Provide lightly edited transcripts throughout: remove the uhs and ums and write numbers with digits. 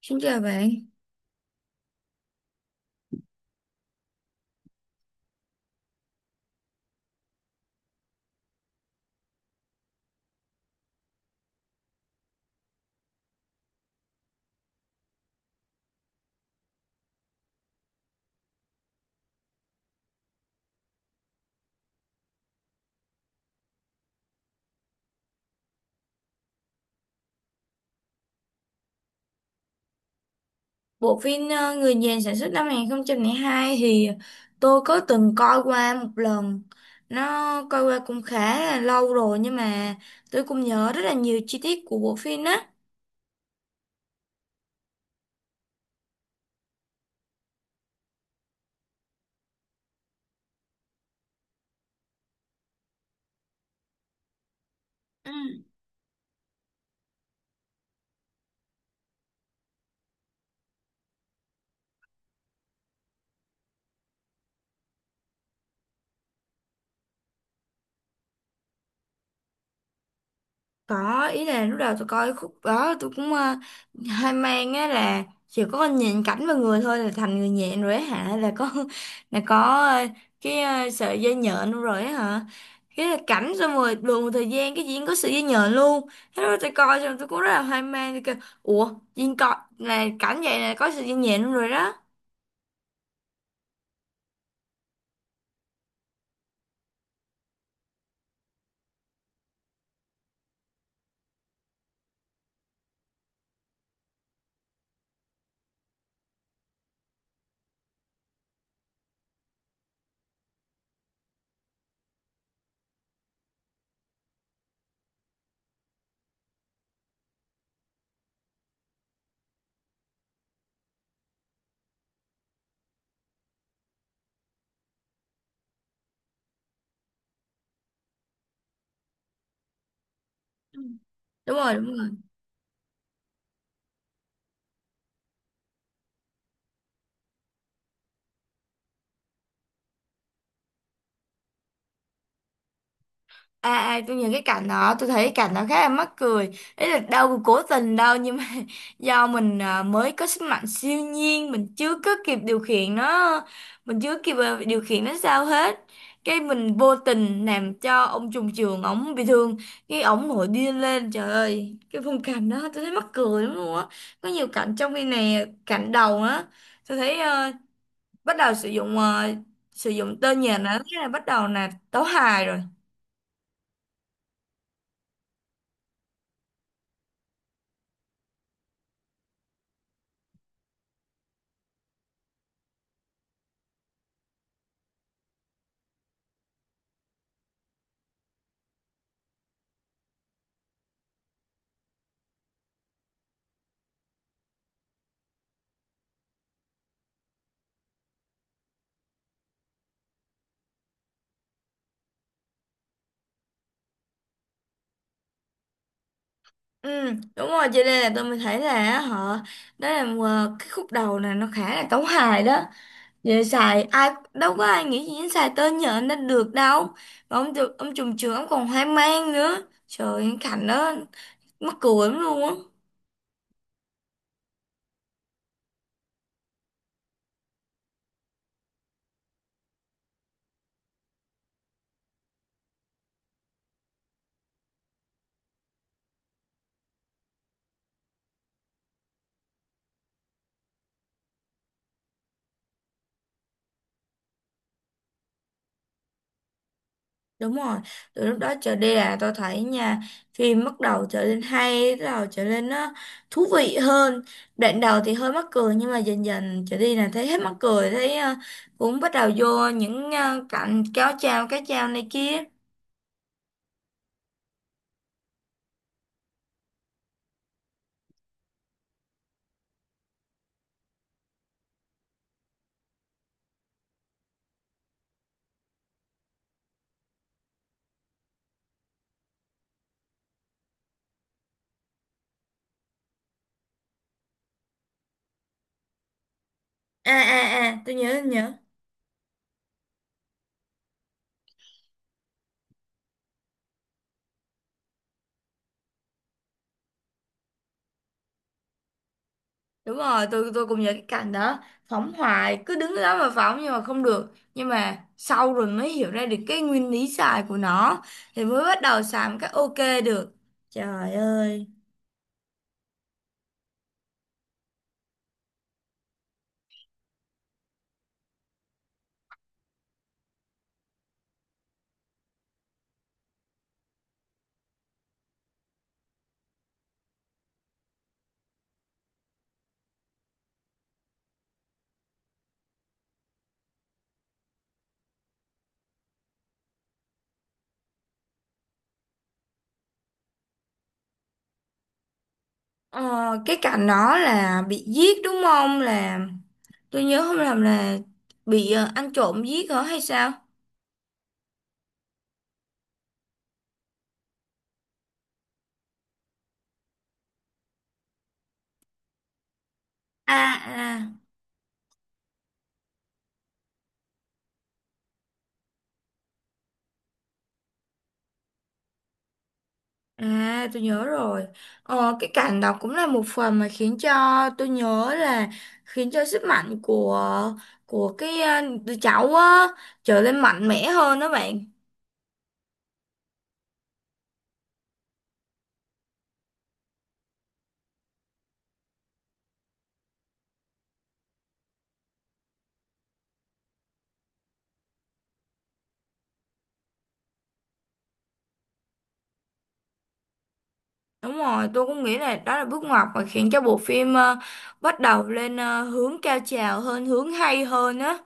Xin chào bạn. Bộ phim Người Nhện sản xuất năm 2002 thì tôi có từng coi qua một lần. Nó coi qua cũng khá là lâu rồi, nhưng mà tôi cũng nhớ rất là nhiều chi tiết của bộ phim á. Ừ. Có, ý là lúc đầu tôi coi cái khúc đó tôi cũng hơi mang á là chỉ có con nhìn cảnh vào người thôi là thành người nhện rồi á hả, là có là có ờ, cái sợi dây nhện luôn rồi á hả, cái là cảnh xong rồi đùa một thời gian cái diễn có sợi dây nhện luôn. Thế lúc đó tôi coi xong tôi cũng rất là hoang mang, tôi kêu ủa diễn coi là cảnh vậy là có sợi dây nhện luôn rồi đó. Ừ. Đúng rồi, đúng rồi. À, tôi nhìn cái cảnh đó, tôi thấy cái cảnh đó khá là mắc cười, ấy là đâu có cố tình đâu, nhưng mà do mình mới có sức mạnh siêu nhiên mình chưa có kịp điều khiển nó, mình chưa kịp điều khiển nó sao hết, cái mình vô tình làm cho ông trùng trường ổng bị thương, cái ổng nổi điên lên, trời ơi cái khung cảnh đó tôi thấy mắc cười lắm luôn á. Có nhiều cảnh trong phim này, cảnh đầu á tôi thấy bắt đầu sử dụng, sử dụng tên nhà nó thế là bắt đầu là tấu hài rồi. Ừ, đúng rồi, cho nên là tôi mới thấy là á, họ đó là, cái khúc đầu này nó khá là tấu hài đó, về xài ai đâu có ai nghĩ gì đến xài tên nhờ nó được đâu, mà ông được ông trùm trường ông còn hoang mang nữa, trời anh Khánh đó, mắc cười lắm luôn á. Đúng rồi, từ lúc đó trở đi là tôi thấy nha, phim bắt đầu trở nên hay, bắt đầu trở nên nó thú vị hơn. Đoạn đầu thì hơi mắc cười nhưng mà dần dần trở đi là thấy hết mắc cười, thấy cũng bắt đầu vô những cảnh kéo chào, cái chào này kia. À à à, tôi nhớ tôi nhớ. Đúng rồi, tôi cũng nhớ cái cảnh đó, phóng hoài cứ đứng đó mà phóng nhưng mà không được. Nhưng mà sau rồi mới hiểu ra được cái nguyên lý xài của nó thì mới bắt đầu xài một cách ok được. Trời ơi. Ờ, cái cảnh đó là bị giết đúng không? Là tôi nhớ không lầm là bị ăn trộm giết hả hay sao? À à à, tôi nhớ rồi. Ờ, cái cảnh đó cũng là một phần mà khiến cho tôi nhớ là khiến cho sức mạnh của cái đứa cháu á trở nên mạnh mẽ hơn đó bạn. Đúng rồi, tôi cũng nghĩ là đó là bước ngoặt mà khiến cho bộ phim bắt đầu lên, hướng cao trào hơn, hướng hay hơn á.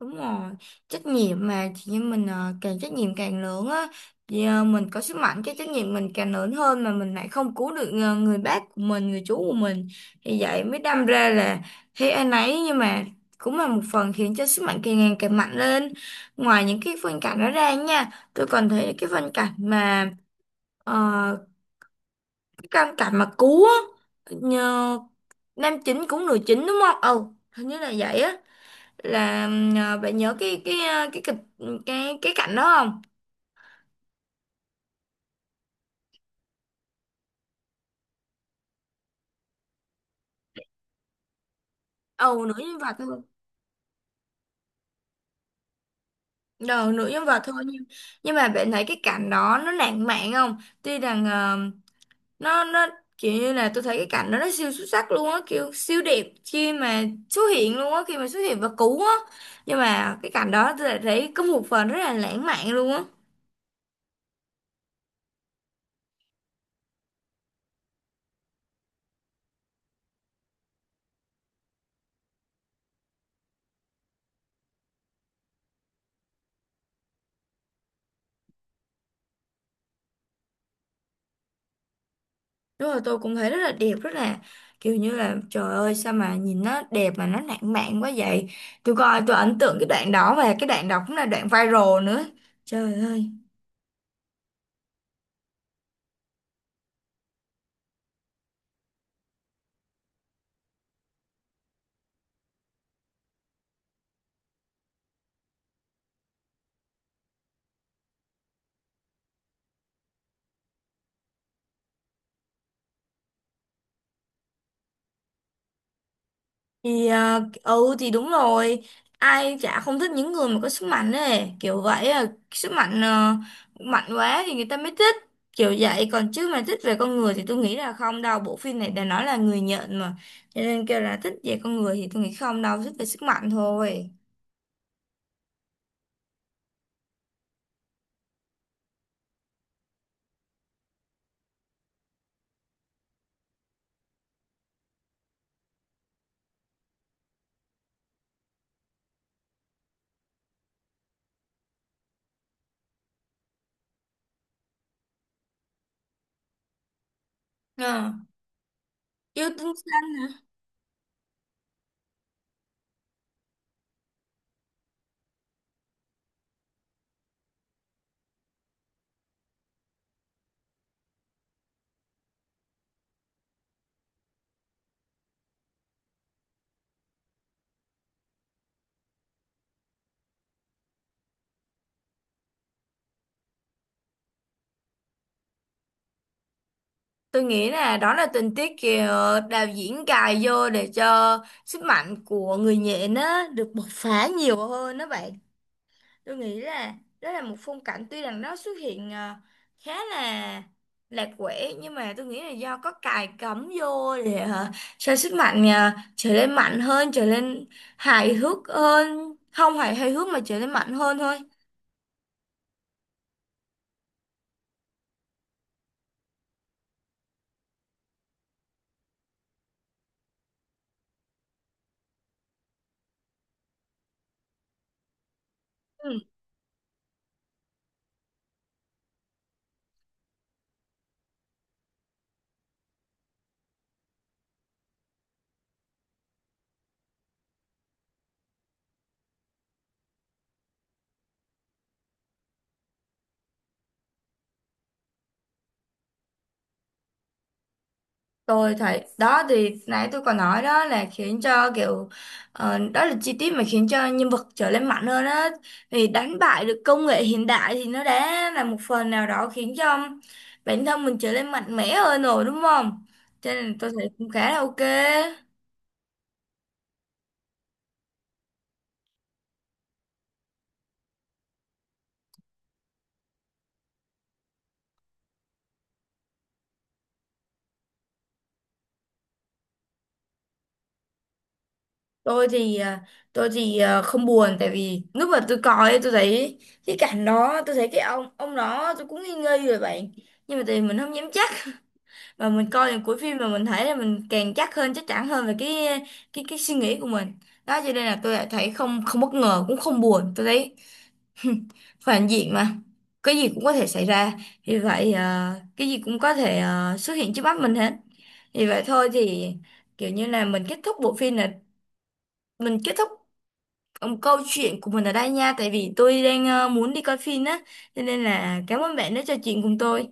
Đúng rồi, trách nhiệm mà chị em mình càng trách nhiệm càng lớn á thì mình có sức mạnh cái trách nhiệm mình càng lớn hơn, mà mình lại không cứu được người bác của mình, người chú của mình, thì vậy mới đâm ra là thế anh ấy, nhưng mà cũng là một phần khiến cho sức mạnh càng ngày càng mạnh lên. Ngoài những cái phân cảnh đó ra nha, tôi còn thấy cái phân cảnh mà ờ, cái căn cảnh mà cứu á, nhờ nam chính cũng nữ chính đúng không? Ừ, hình như là vậy á, là bạn nhớ cái cái kịch, cái cảnh đó không? Ồ nữ nhân vật thôi. Đầu nữ nhân vật thôi, nhưng mà bạn thấy cái cảnh đó nó lãng mạn không? Tuy rằng nó kiểu như là tôi thấy cái cảnh đó nó siêu xuất sắc luôn á, kiểu siêu đẹp khi mà xuất hiện luôn á, khi mà xuất hiện và cứu á. Nhưng mà cái cảnh đó tôi lại thấy có một phần rất là lãng mạn luôn á. Đúng rồi, tôi cũng thấy rất là đẹp, rất là kiểu như là trời ơi sao mà nhìn nó đẹp mà nó lãng mạn quá vậy. Tôi coi tôi ấn tượng cái đoạn đó, và cái đoạn đó cũng là đoạn viral nữa. Trời ơi. Thì ừ thì đúng rồi, ai chả không thích những người mà có sức mạnh ấy, kiểu vậy sức mạnh, mạnh quá thì người ta mới thích. Kiểu vậy còn chứ mà thích về con người thì tôi nghĩ là không đâu, bộ phim này đã nói là người nhận mà. Cho nên kêu là thích về con người thì tôi nghĩ không đâu, thích về sức mạnh thôi. Ờ, yêu tinh xanh hả? Tôi nghĩ là đó là tình tiết kìa đạo diễn cài vô để cho sức mạnh của người nhện á được bộc phá nhiều hơn đó bạn. Tôi nghĩ là đó là một phong cảnh tuy rằng nó xuất hiện khá là lạc quẻ, nhưng mà tôi nghĩ là do có cài cắm vô để cho sức mạnh trở nên mạnh hơn, trở nên hài hước hơn, không phải hài hước mà trở nên mạnh hơn thôi. Ừ. Tôi thấy đó thì nãy tôi còn nói đó là khiến cho kiểu, đó là chi tiết mà khiến cho nhân vật trở nên mạnh hơn á, thì đánh bại được công nghệ hiện đại thì nó đã là một phần nào đó khiến cho bản thân mình trở nên mạnh mẽ hơn rồi, đúng không? Cho nên tôi thấy cũng khá là ok. Tôi thì ờ, tôi thì không buồn, tại vì lúc mà tôi coi ấy, tôi thấy cái cảnh đó tôi thấy cái ông đó tôi cũng nghi nghi rồi bạn, nhưng mà thì mình không dám chắc, và mình coi đến cuối phim mà mình thấy là mình càng chắc hơn, chắc chắn hơn về cái cái suy nghĩ của mình đó, cho nên là tôi lại thấy không, không bất ngờ cũng không buồn, tôi thấy phản diện mà, cái gì cũng có thể xảy ra, vì vậy cái gì cũng có thể xuất hiện trước mắt mình hết. Vì vậy thôi thì kiểu như là mình kết thúc bộ phim là mình kết thúc, câu chuyện của mình ở đây nha, tại vì tôi đang muốn đi coi phim á, cho nên là cảm ơn bạn đã trò chuyện cùng tôi.